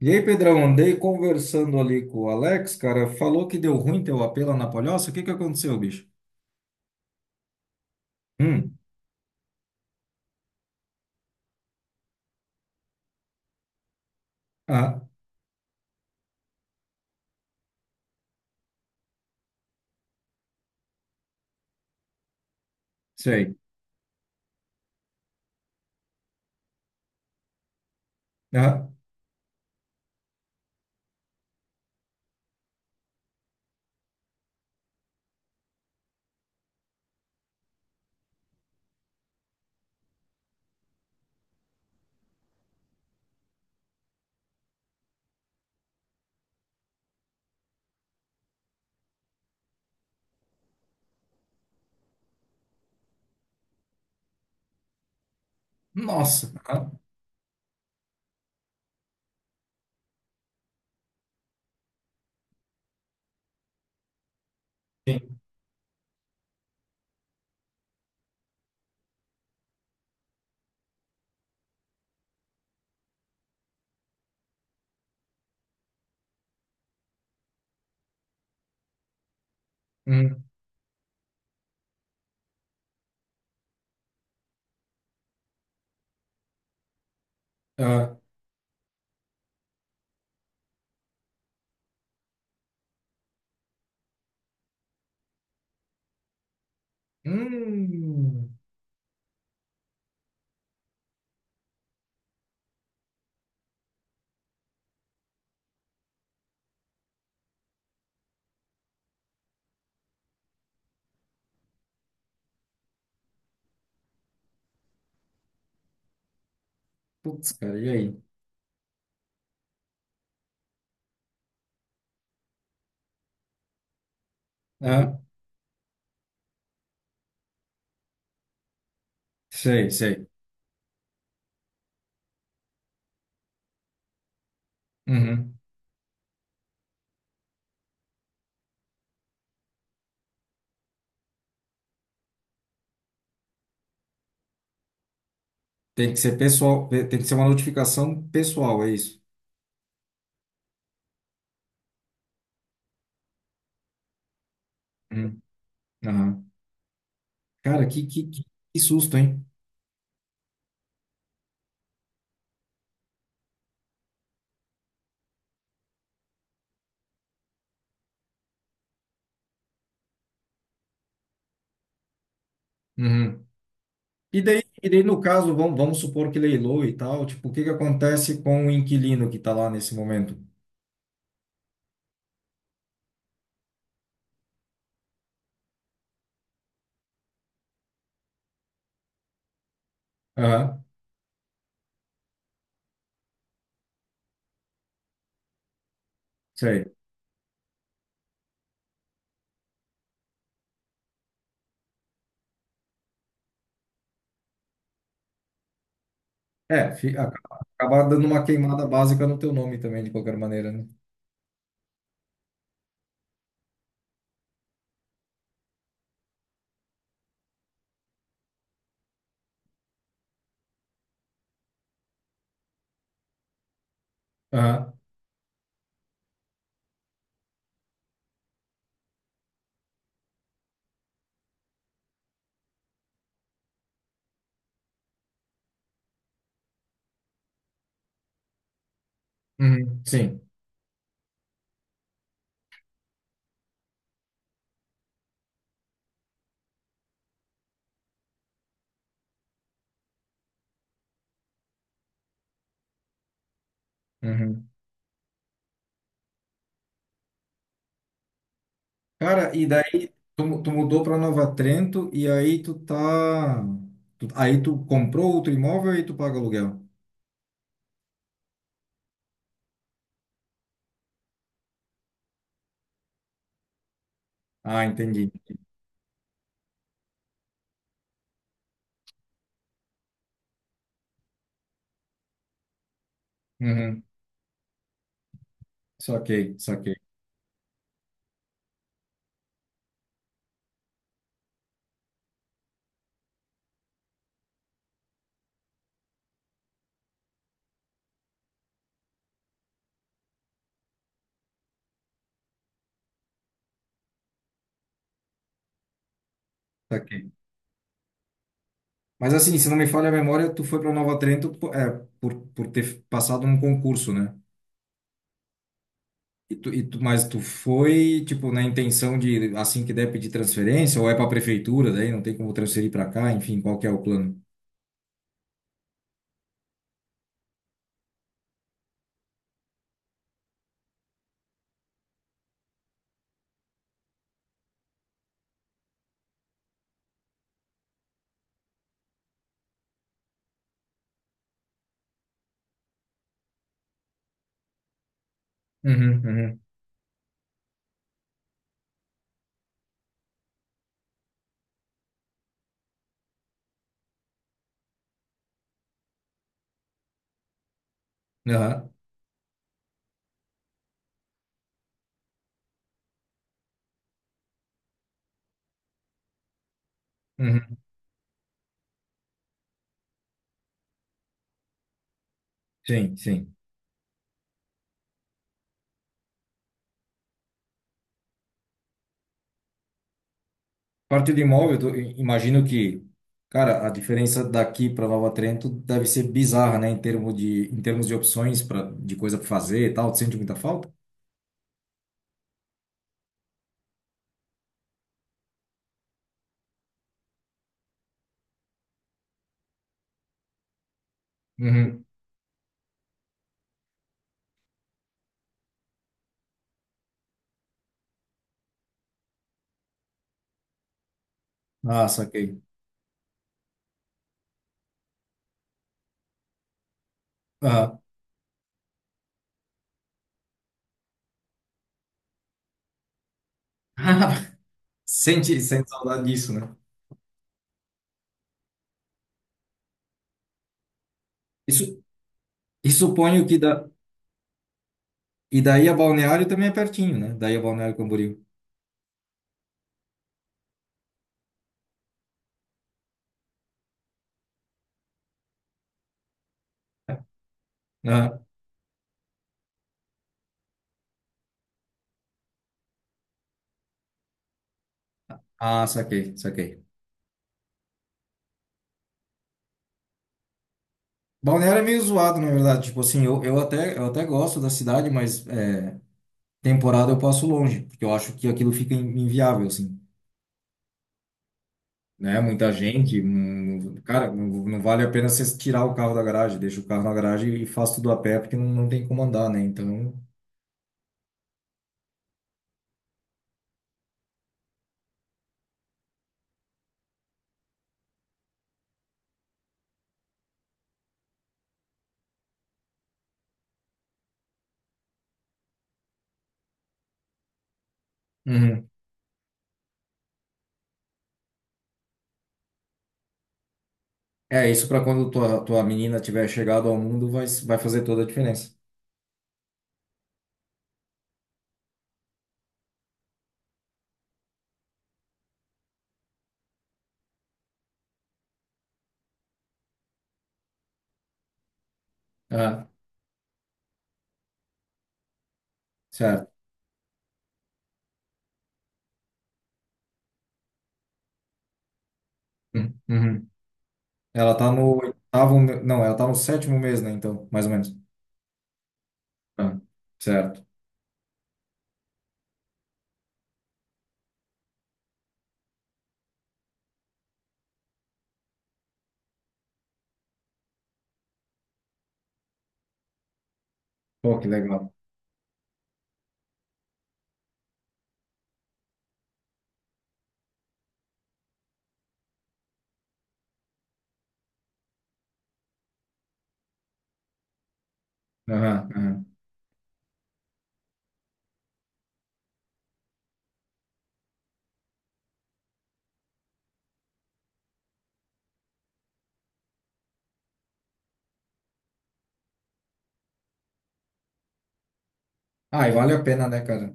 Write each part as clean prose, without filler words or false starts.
E aí, Pedrão, andei conversando ali com o Alex, cara, falou que deu ruim teu AP lá na Palhoça. O que que aconteceu, bicho? Hum, ah, sei. Ah, nossa. Ah, sim. Hum, ah, hum. Putz, cara, e aí? Ah, sei, sei. Uhum. Tem que ser pessoal, tem que ser uma notificação pessoal, é isso. Hum, aham. Cara, que que susto, hein? Uhum. E daí, no caso, vamos supor que leilou e tal, tipo, o que que acontece com o inquilino que está lá nesse momento? Aham, sei. É, acaba, acaba dando uma queimada básica no teu nome também, de qualquer maneira, né? Aham, uhum, sim. Uhum. Cara, e daí tu, tu mudou para Nova Trento e aí tu tá... aí tu comprou outro imóvel e tu paga aluguel. Ah, entendi. Uhum. Saquei, saquei, saquei. Mas assim, se não me falha a memória, tu foi para Nova Trento, é, por ter passado num concurso, né? Mas tu foi, tipo, na intenção de, assim que der, pedir transferência, ou é para a prefeitura, daí não tem como transferir para cá, enfim, qual que é o plano? Uhum, uhum. Aham, uhum. Sim, sim. Parte do imóvel, imagino que, cara, a diferença daqui para Nova Trento deve ser bizarra, né? Em termos de opções pra, de coisa para fazer e tal, tu sente muita falta? Uhum. Ah, saquei. Aham. Sente, sente saudade disso, né? Isso, e suponho que da, e daí a Balneário também é pertinho, né? Daí a Balneário Camboriú. Aham. Ah, saquei, saquei. Balneário é meio zoado, na verdade. Tipo assim, eu até gosto da cidade, mas é, temporada eu passo longe, porque eu acho que aquilo fica inviável, assim. Né? Muita gente, cara, não, não vale a pena você tirar o carro da garagem, deixa o carro na garagem e faz tudo a pé, porque não, não tem como andar, né? Então. Uhum. É, isso para quando tua menina tiver chegado ao mundo vai, vai fazer toda a diferença. Ah, certo. Uhum. Uhum. Ela tá no oitavo, não, ela tá no sétimo mês, né? Então, mais ou menos. Ah, certo. Pô, que legal. Aham, aham. Ah, e vale a pena, né, cara?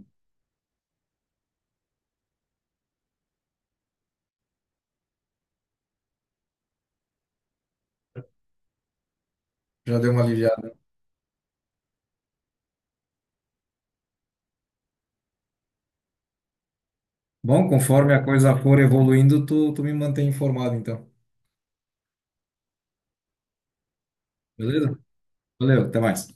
Já deu uma aliviada. Bom, conforme a coisa for evoluindo, tu me mantém informado, então. Beleza? Valeu, até mais.